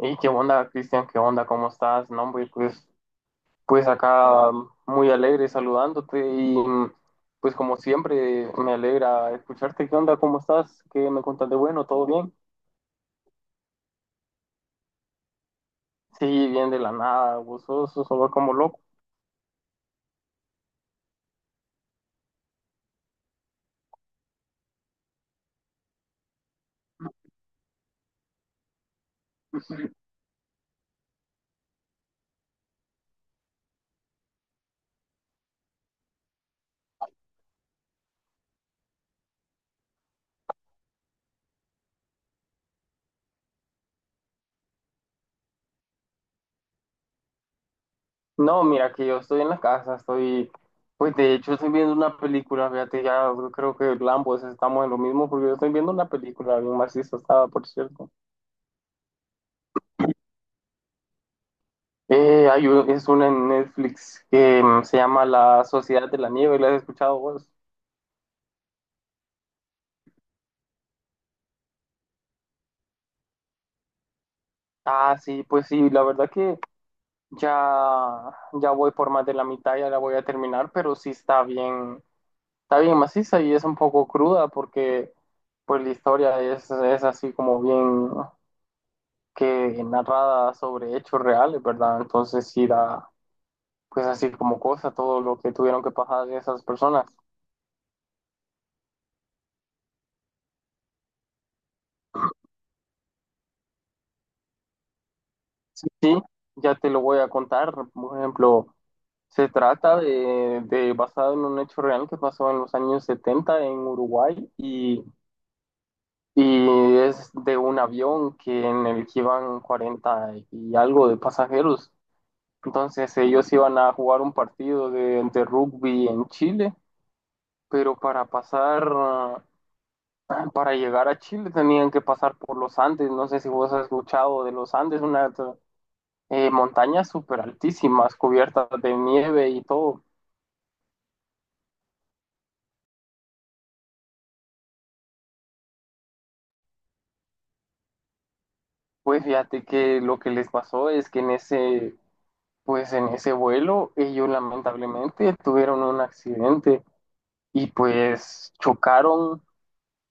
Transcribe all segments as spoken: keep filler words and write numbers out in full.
Hey, ¿qué onda, Cristian? ¿Qué onda? ¿Cómo estás? No, hombre, pues, pues acá muy alegre saludándote y pues como siempre me alegra escucharte. ¿Qué onda? ¿Cómo estás? ¿Qué me contas de bueno? ¿Todo bien? Sí, bien de la nada, gozoso, solo como loco. No, mira que yo estoy en la casa, estoy, pues de hecho estoy viendo una película, fíjate, ya creo que ambos estamos en lo mismo porque yo estoy viendo una película bien macizo, estaba, por cierto. Eh, hay un- es una en Netflix que mm, se llama La Sociedad de la Nieve, ¿la has escuchado vos? Ah, sí, pues sí, la verdad que ya, ya voy por más de la mitad, ya la voy a terminar, pero sí está bien, está bien maciza y es un poco cruda porque pues la historia es, es así como bien que narrada sobre hechos reales, ¿verdad? Entonces sí da pues así como cosa todo lo que tuvieron que pasar esas personas. Sí, sí, ya te lo voy a contar, por ejemplo. Se trata de, de basado en un hecho real que pasó en los años setenta en Uruguay y, y es de un avión que en el que iban cuarenta y algo de pasajeros. Entonces ellos iban a jugar un partido de, de rugby en Chile, pero para pasar, ah, para llegar a Chile tenían que pasar por los Andes. No sé si vos has escuchado de los Andes, unas eh, montañas súper altísimas, cubiertas de nieve y todo. Pues fíjate que lo que les pasó es que en ese, pues en ese vuelo ellos lamentablemente tuvieron un accidente y pues chocaron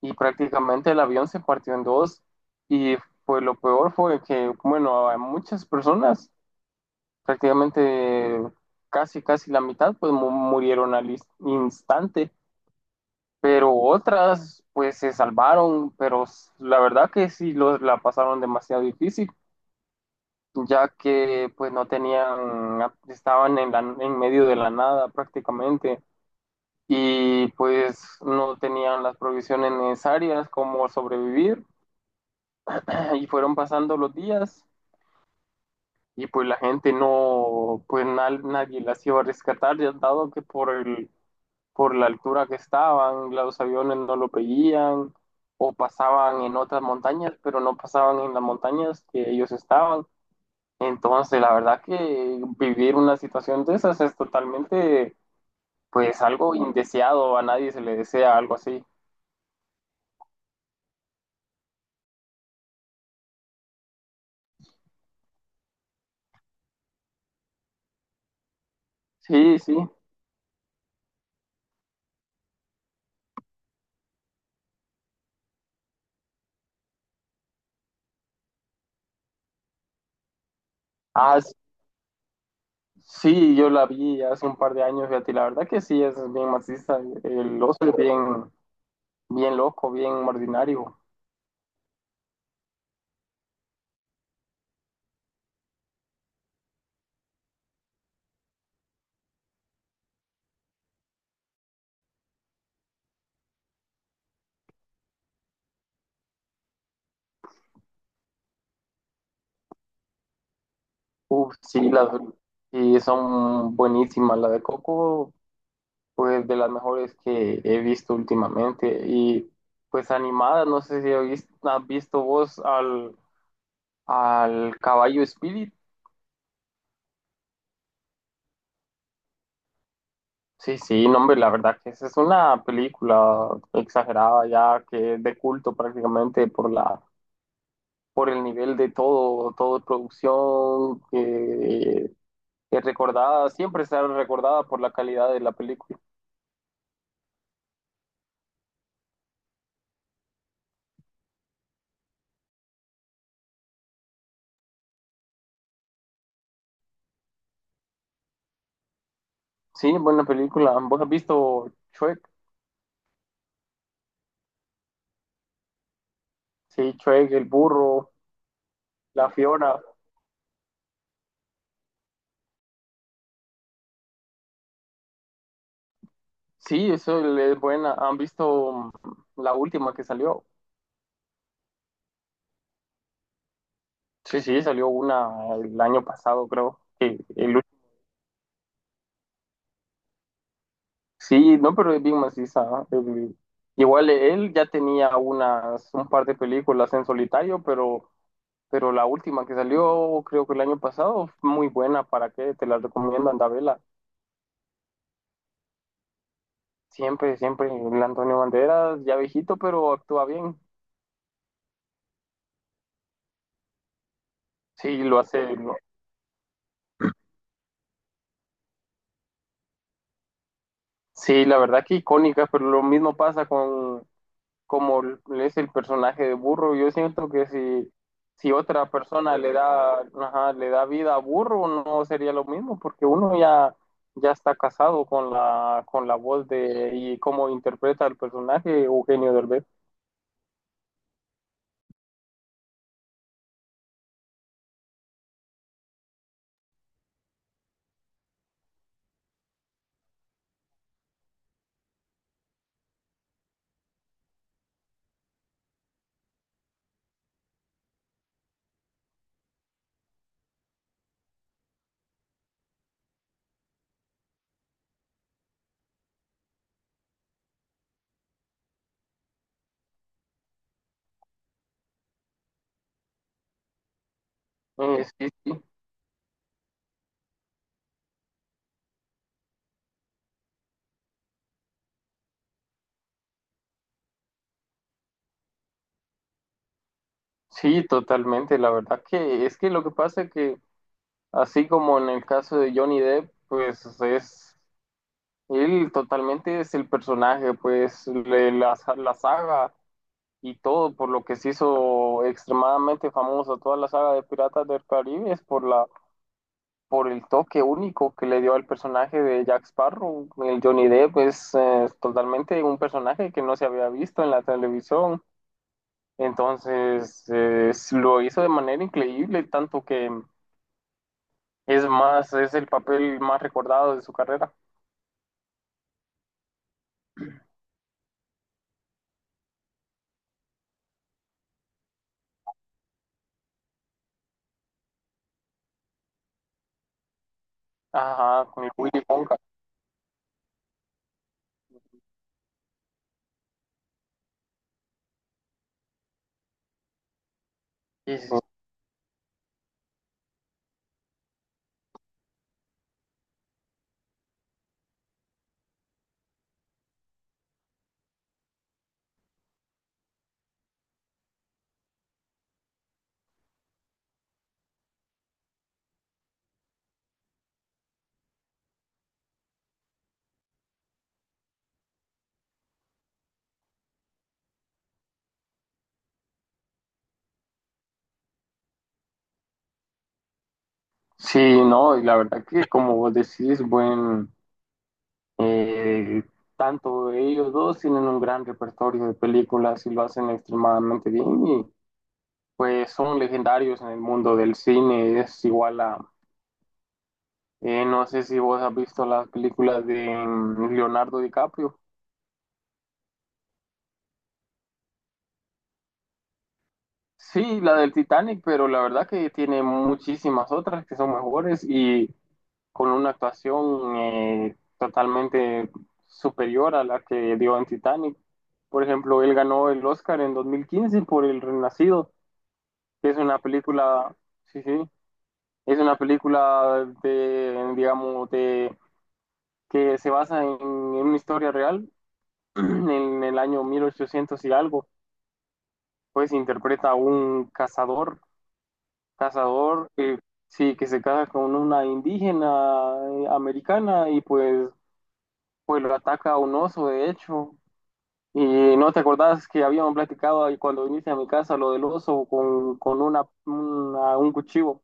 y prácticamente el avión se partió en dos y pues lo peor fue que, bueno, a muchas personas, prácticamente casi, casi la mitad, pues mu- murieron al is- instante, pero otras pues se salvaron, pero s- la verdad que sí lo, la pasaron demasiado difícil. ya que pues no tenían, estaban en la- en medio de la nada prácticamente y pues no tenían las provisiones necesarias como sobrevivir y fueron pasando los días y pues la gente no, pues na- nadie las iba a rescatar, ya dado que por el, por la altura que estaban, los aviones no lo veían o pasaban en otras montañas, pero no pasaban en las montañas que ellos estaban. Entonces, la verdad que vivir una situación de esas es totalmente, pues, algo indeseado, a nadie se le desea algo así. Sí, sí. Ah, s- sí, yo la vi hace un par de años, fíjate, y la verdad que sí, es bien marxista. El oso es bien, bien loco, bien ordinario. Uf, sí, las, y son buenísimas. La de Coco, pues, de las mejores que he visto últimamente. Y, pues, animada, no sé si has visto has visto vos al Al caballo Spirit. Sí, sí, no, hombre, la verdad que esa es una película exagerada ya que es de culto prácticamente por la, por el nivel de todo, todo de producción que es recordada, siempre será recordada por la calidad de la película. Sí, buena película. ¿Vos has visto Shrek? Sí, Shrek, el burro, la Fiona. Sí, eso es buena. ¿Han visto mm, la última que salió? Sí, sí, salió una el año pasado, creo. que El, Sí, no, pero es bien maciza, ¿no? El- igual él ya tenía unas, un par de películas en solitario, pero, pero la última que salió, creo que el año pasado, fue muy buena. ¿Para qué? Te la recomiendo, anda, vela. Siempre, siempre, el Antonio Banderas, ya viejito, pero actúa bien. Sí, lo hace. lo- sí, la verdad que icónica, pero lo mismo pasa con, como es el personaje de Burro. Yo siento que si, si otra persona le da, ajá, le da vida a Burro, no sería lo mismo, porque uno ya, ya está casado con la, con la voz de y cómo interpreta el personaje Eugenio Derbez. Eh, sí, sí, sí, totalmente. La verdad que es que lo que pasa es que, así como en el caso de Johnny Depp, pues es, él totalmente es el personaje, pues le- la, la saga y todo por lo que se hizo extremadamente famosa toda la saga de Piratas del Caribe es por la por el toque único que le dio al personaje de Jack Sparrow. El Johnny Depp es eh, totalmente un personaje que no se había visto en la televisión. Entonces eh, lo hizo de manera increíble, tanto que es más, es el papel más recordado de su carrera. Ajá, con el Willy Wonka. Sí, sí. Sí, no, y la verdad que como vos decís, buen, Eh, tanto ellos dos tienen un gran repertorio de películas y lo hacen extremadamente bien y pues son legendarios en el mundo del cine. Es igual a, eh, no sé si vos has visto las películas de mm, Leonardo DiCaprio. Sí, la del Titanic, pero la verdad que tiene muchísimas otras que son mejores y con una actuación eh, totalmente superior a la que dio en Titanic. Por ejemplo, él ganó el Oscar en dos mil quince por El Renacido. Es una película, sí, sí, es una película de, digamos, de, que se basa en, en una historia real, en el año mil ochocientos y algo, pues interpreta a un cazador, cazador, eh, sí, que se casa con una indígena eh, americana y pues, pues lo ataca un oso, de hecho. Y no te acordás que habíamos platicado ahí cuando viniste a mi casa lo del oso con, con una, una- un cuchillo.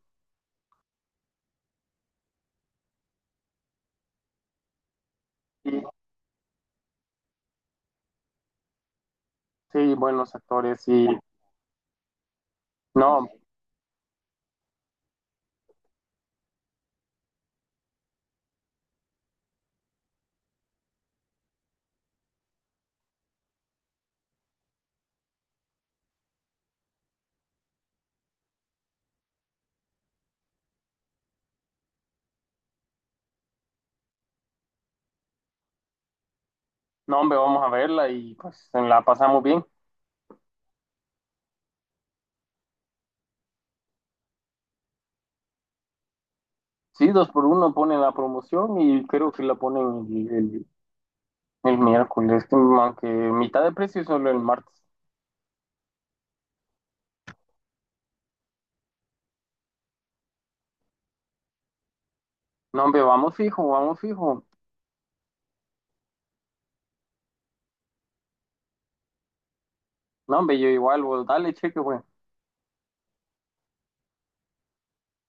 Y sí, buenos actores. Y No, no, hombre, vamos a verla y pues la pasamos bien. Sí, dos por uno ponen la promoción y creo que la ponen el, el, el miércoles, que, aunque mitad de precio solo el martes. No, hombre, vamos fijo, vamos fijo. No, hombre, yo igual, vos dale cheque, güey.